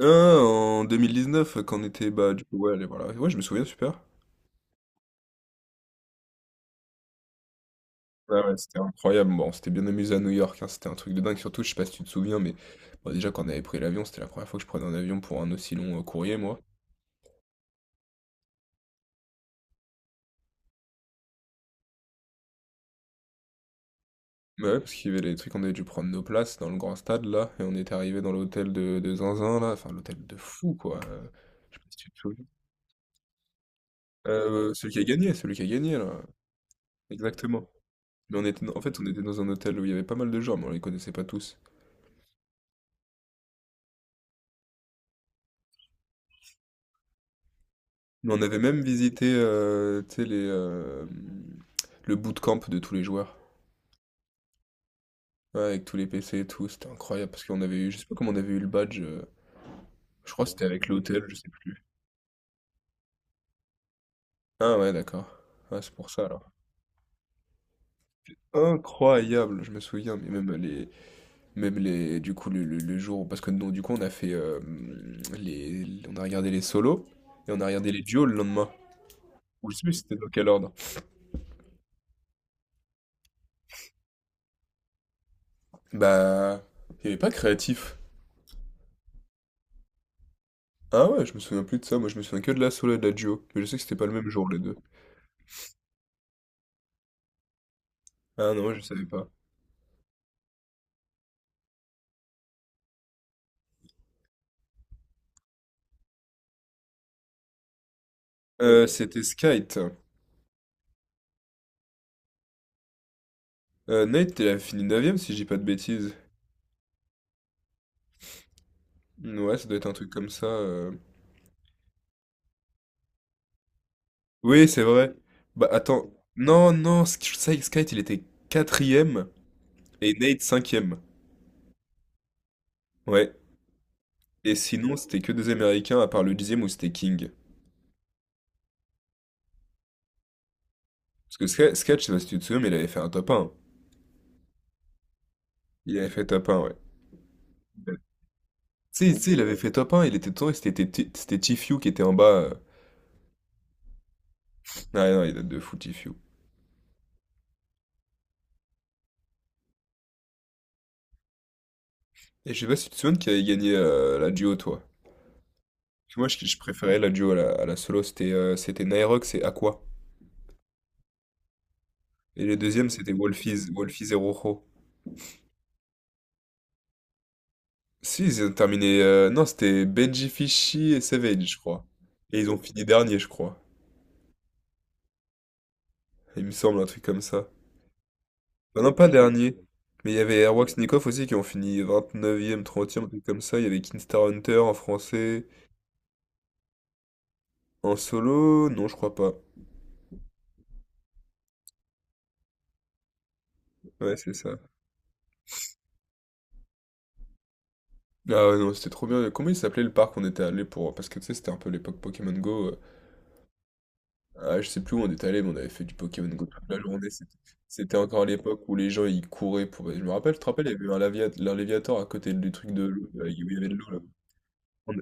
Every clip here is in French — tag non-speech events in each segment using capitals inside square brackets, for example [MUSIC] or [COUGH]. Ah, en neuf quand on était, bah, du coup, ouais, allez, voilà. Ouais, je me souviens, super. Ouais, ouais, c'était incroyable. Bon, on s'était bien amusé à New York, hein, c'était un truc de dingue. Surtout, je sais pas si tu te souviens, mais bon, déjà, quand on avait pris l'avion, c'était la première fois que je prenais un avion pour un aussi long courrier, moi. Bah ouais, parce qu'il y avait les trucs, on avait dû prendre nos places dans le grand stade, là, et on était arrivé dans l'hôtel de Zinzin, là. Enfin, l'hôtel de fou, quoi. Je sais pas si tu te souviens. Celui qui a gagné, celui qui a gagné, là. Exactement. Mais on était, en fait, on était dans un hôtel où il y avait pas mal de gens, mais on les connaissait pas tous. Mais on avait même visité tu sais, le bootcamp de tous les joueurs. Ouais, avec tous les PC et tout. C'était incroyable parce qu'on avait eu, je sais pas comment on avait eu le badge. Je crois que c'était avec l'hôtel, je sais plus. Ah ouais, d'accord. Ah, c'est pour ça alors. Incroyable, je me souviens, mais même les, du coup, le jour, parce que non, du coup, on a fait, on a regardé les solos et on a regardé les duos le lendemain. Ou je sais plus si c'était dans quel ordre. Bah, il n'y avait pas créatif. Ah ouais, je me souviens plus de ça, moi je me souviens que de la solo et de la duo, mais je sais que c'était pas le même jour les deux. Ah non, moi, je savais pas. C'était Skite. Nate, il a fini 9 si je dis pas de bêtises. Ouais, ça doit être un truc comme ça. Oui, c'est vrai. Bah attends, non, non, Skite il était quatrième et Nate cinquième. Ouais, et sinon c'était que des Américains à part le 10e où c'était King. Parce que Skate, Skate, je sais pas si tu te souviens, mais il avait fait un top un. Il avait fait top un, ouais. Tu tu sais, il avait fait top un. Il était temps, c'était Tfue qui était en bas. Ouais, non, il date de Footy Few. Et je sais pas si tu te souviens qui avait gagné la duo, toi. Parce que moi, je préférais la duo à la solo. C'était Naerox et Aqua. Et les deuxièmes, c'était Wolfies, Wolfies et Rojo. Si, ils ont terminé. Non, c'était Benji Fishy et Savage, je crois. Et ils ont fini dernier, je crois. Il me semble, un truc comme ça. Non, non, pas dernier. Mais il y avait Airwax Nikoff aussi qui ont fini 29e, 30e, un truc comme ça. Il y avait Kinstar Hunter en français. En solo? Non, je crois pas. Ouais, c'est ça. Ah ouais, non, c'était trop bien. Comment il s'appelait le parc où on était allé pour... Parce que tu sais, c'était un peu l'époque Pokémon Go. Ah, je sais plus où on était allé, mais on avait fait du Pokémon Go toute la journée. C'était encore l'époque où les gens, ils couraient pour... Je me rappelle, tu te rappelles, il y avait eu un Léviator à côté du truc de l'eau, là, où il y avait de l'eau, là. On-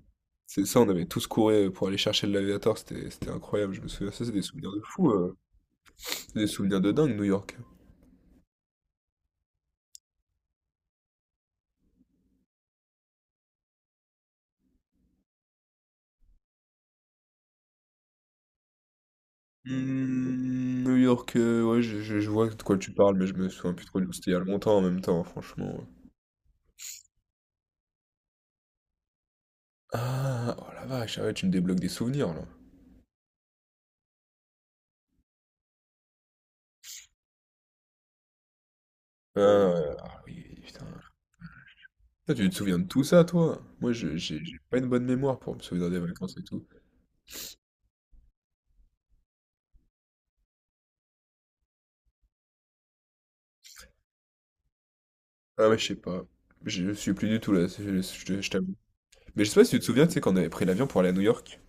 C'est ça, on avait tous couru pour aller chercher le Léviator. C'était incroyable, je me souviens. Ça, c'est des souvenirs de fou. C'est des souvenirs de dingue, New York. New York, ouais, je vois de quoi tu parles, mais je me souviens plus trop. C'était il y a longtemps en même temps, franchement. Ah! Oh la vache! Ah ouais, tu me débloques des souvenirs là. Ouais. Ah ouais, ah oui, putain. Toi, tu te souviens de tout ça, toi? Moi, je j'ai pas une bonne mémoire pour me souvenir des vacances et tout. Ah ouais, je sais pas. Je suis plus du tout là, je t'avoue. Mais je sais pas si tu te souviens, tu sais, quand on avait pris l'avion pour aller à New York,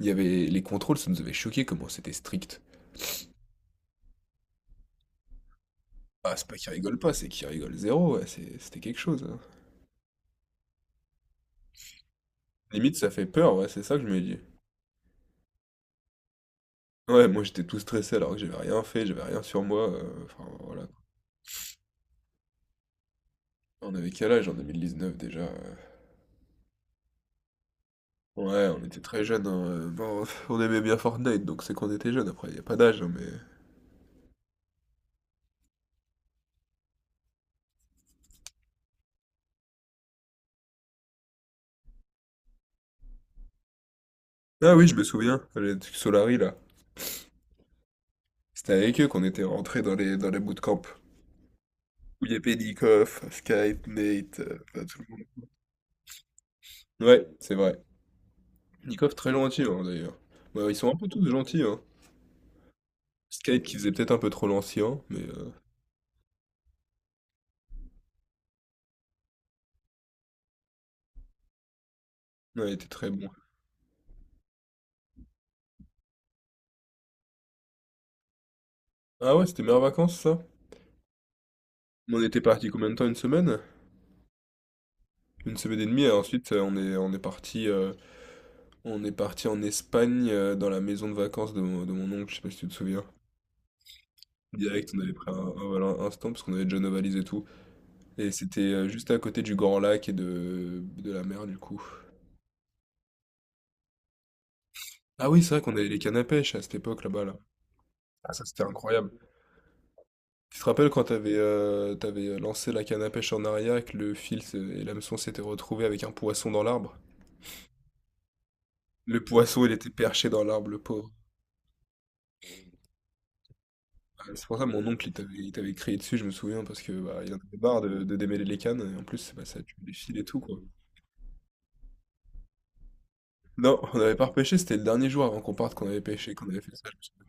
il y avait les contrôles, ça nous avait choqué comment c'était strict. Ah, c'est pas qu'ils rigolent pas, c'est qu'ils rigolent zéro, ouais, c'était quelque chose, hein. Limite, ça fait peur, ouais, c'est ça que je me dis. Ouais, moi j'étais tout stressé alors que j'avais rien fait, j'avais rien sur moi. Enfin, voilà. On avait quel âge en 2019 déjà? Ouais, on était très jeunes, hein, bon, [LAUGHS] on aimait bien Fortnite, donc c'est qu'on était jeunes, après il y a pas d'âge, hein, mais ah oui, je me souviens, les trucs Solary, là, c'était avec eux qu'on était rentrés dans les bootcamps, où il y avait Nikof, Skype, Nate, enfin tout le monde. Ouais, c'est vrai. Nikof très gentil, hein, d'ailleurs. Bah, ils sont un peu tous gentils, hein. Skype qui faisait peut-être un peu trop l'ancien, mais non, il était très bon. Ah ouais, c'était meilleures vacances, ça? On était parti combien de temps? Une semaine? Une semaine et demie et ensuite, on est parti. On est parti en Espagne dans la maison de vacances de mon oncle, je sais pas si tu te souviens. Direct, on avait pris voilà, un stand parce qu'on avait déjà nos valises et tout. Et c'était juste à côté du Grand Lac et de la mer du coup. Ah oui, c'est vrai qu'on avait les cannes à pêche à cette époque là-bas là. Ah ça c'était incroyable. Tu te rappelles quand t'avais lancé la canne à pêche en arrière et que le fil et l'hameçon s'étaient retrouvés avec un poisson dans l'arbre? Le poisson il était perché dans l'arbre, le pauvre. C'est pour ça mon oncle il t'avait crié dessus, je me souviens, parce que, bah, il en avait marre de démêler les cannes et en plus, bah, ça tue les fils et tout, quoi. Non, on n'avait pas repêché, c'était le dernier jour avant qu'on parte qu'on avait pêché, qu'on avait fait ça, je me souviens.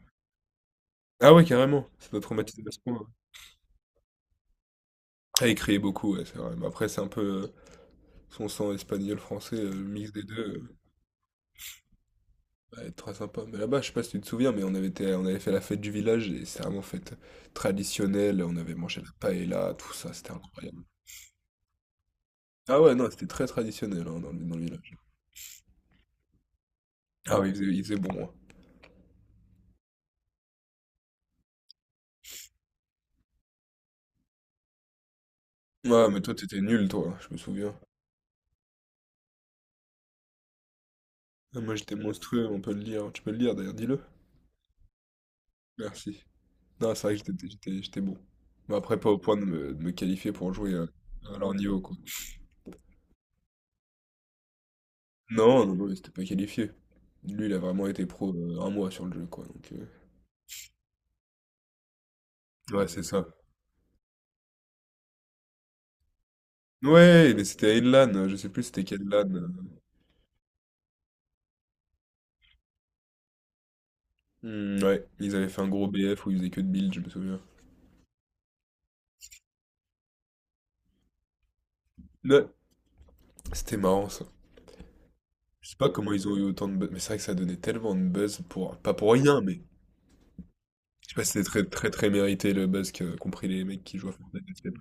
Ah ouais, carrément, ça doit traumatiser à ce point, ouais. Ah, il criait beaucoup, ouais, c'est vrai, mais après c'est un peu, son sang espagnol, français, le mix des 2 va être très sympa. Mais là-bas, je sais pas si tu te souviens, mais on avait fait la fête du village et c'est vraiment fête traditionnelle, on avait mangé la paella tout ça, c'était incroyable. Ah ouais, non, c'était très traditionnel, hein, dans le village. Ah oui, il faisait bon, hein. Ouais, mais toi, t'étais nul, toi, je me souviens. Ah, moi, j'étais monstrueux, on peut le lire. Tu peux le lire, d'ailleurs, dis-le. Merci. Non, c'est vrai que j'étais bon. Mais après, pas au point de me qualifier pour jouer à leur niveau, quoi. Non, non, non, il s'était pas qualifié. Lui, il a vraiment été pro un mois sur le jeu, quoi. Donc, ouais, c'est ça. Ouais, mais c'était à une LAN, je sais plus c'était quelle LAN. Ouais, ils avaient fait un gros BF où ils faisaient que de build, je me souviens. Ouais, c'était marrant, ça. Je sais pas comment ils ont eu autant de buzz, mais c'est vrai que ça donnait tellement de buzz pour... Pas pour rien, mais... Je sais pas si c'est très très très mérité le buzz que compris les mecs qui jouent à Fortnite, actuellement.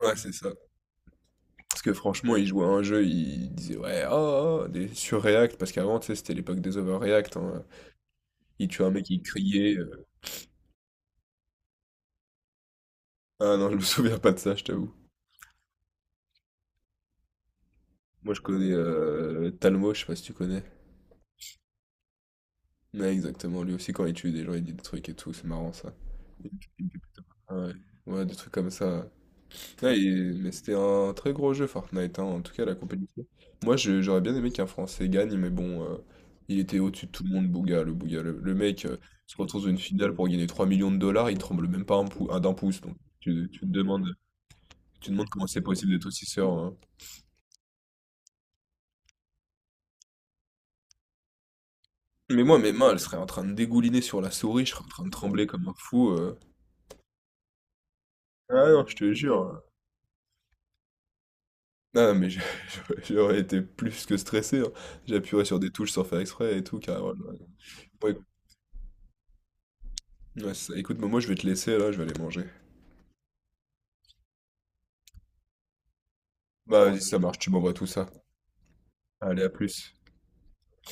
Ouais, c'est ça. Parce que franchement, ils jouaient à un jeu, ils disaient ouais, oh, oh, oh, des surreact, parce qu'avant, tu sais, c'était l'époque des overreact, hein. Il tuait un mec, ils criait. Ah non, je me [LAUGHS] souviens pas de ça, je t'avoue. Moi, je connais Talmo, je sais pas si tu connais. Ouais, exactement. Lui aussi, quand il tue des gens, il dit des trucs et tout, c'est marrant ça. Il me fait plutôt. Ouais, ouais, des trucs comme ça. Putain, mais c'était un très gros jeu Fortnite, hein, en tout cas la compétition. J'aurais bien aimé qu'un Français gagne, mais bon, il était au-dessus de tout le monde, Bouga, le Bouga. Le mec se retrouve dans une finale pour gagner 3 millions de dollars, il tremble même pas d'un pouce, donc tu te demandes, tu te demandes, comment c'est possible d'être aussi sûr, hein. Mais moi, mes mains, elles seraient en train de dégouliner sur la souris, je serais en train de trembler comme un fou. Ah non, je te jure. Ah mais [LAUGHS] j'aurais été plus que stressé, hein. J'appuierais sur des touches sans faire exprès et tout, car voilà. Ouais, ouais, c'est ça. Écoute, moi je vais te laisser là, je vais aller manger. Bah, vas-y, ça marche, tu m'envoies tout ça. Allez, à plus.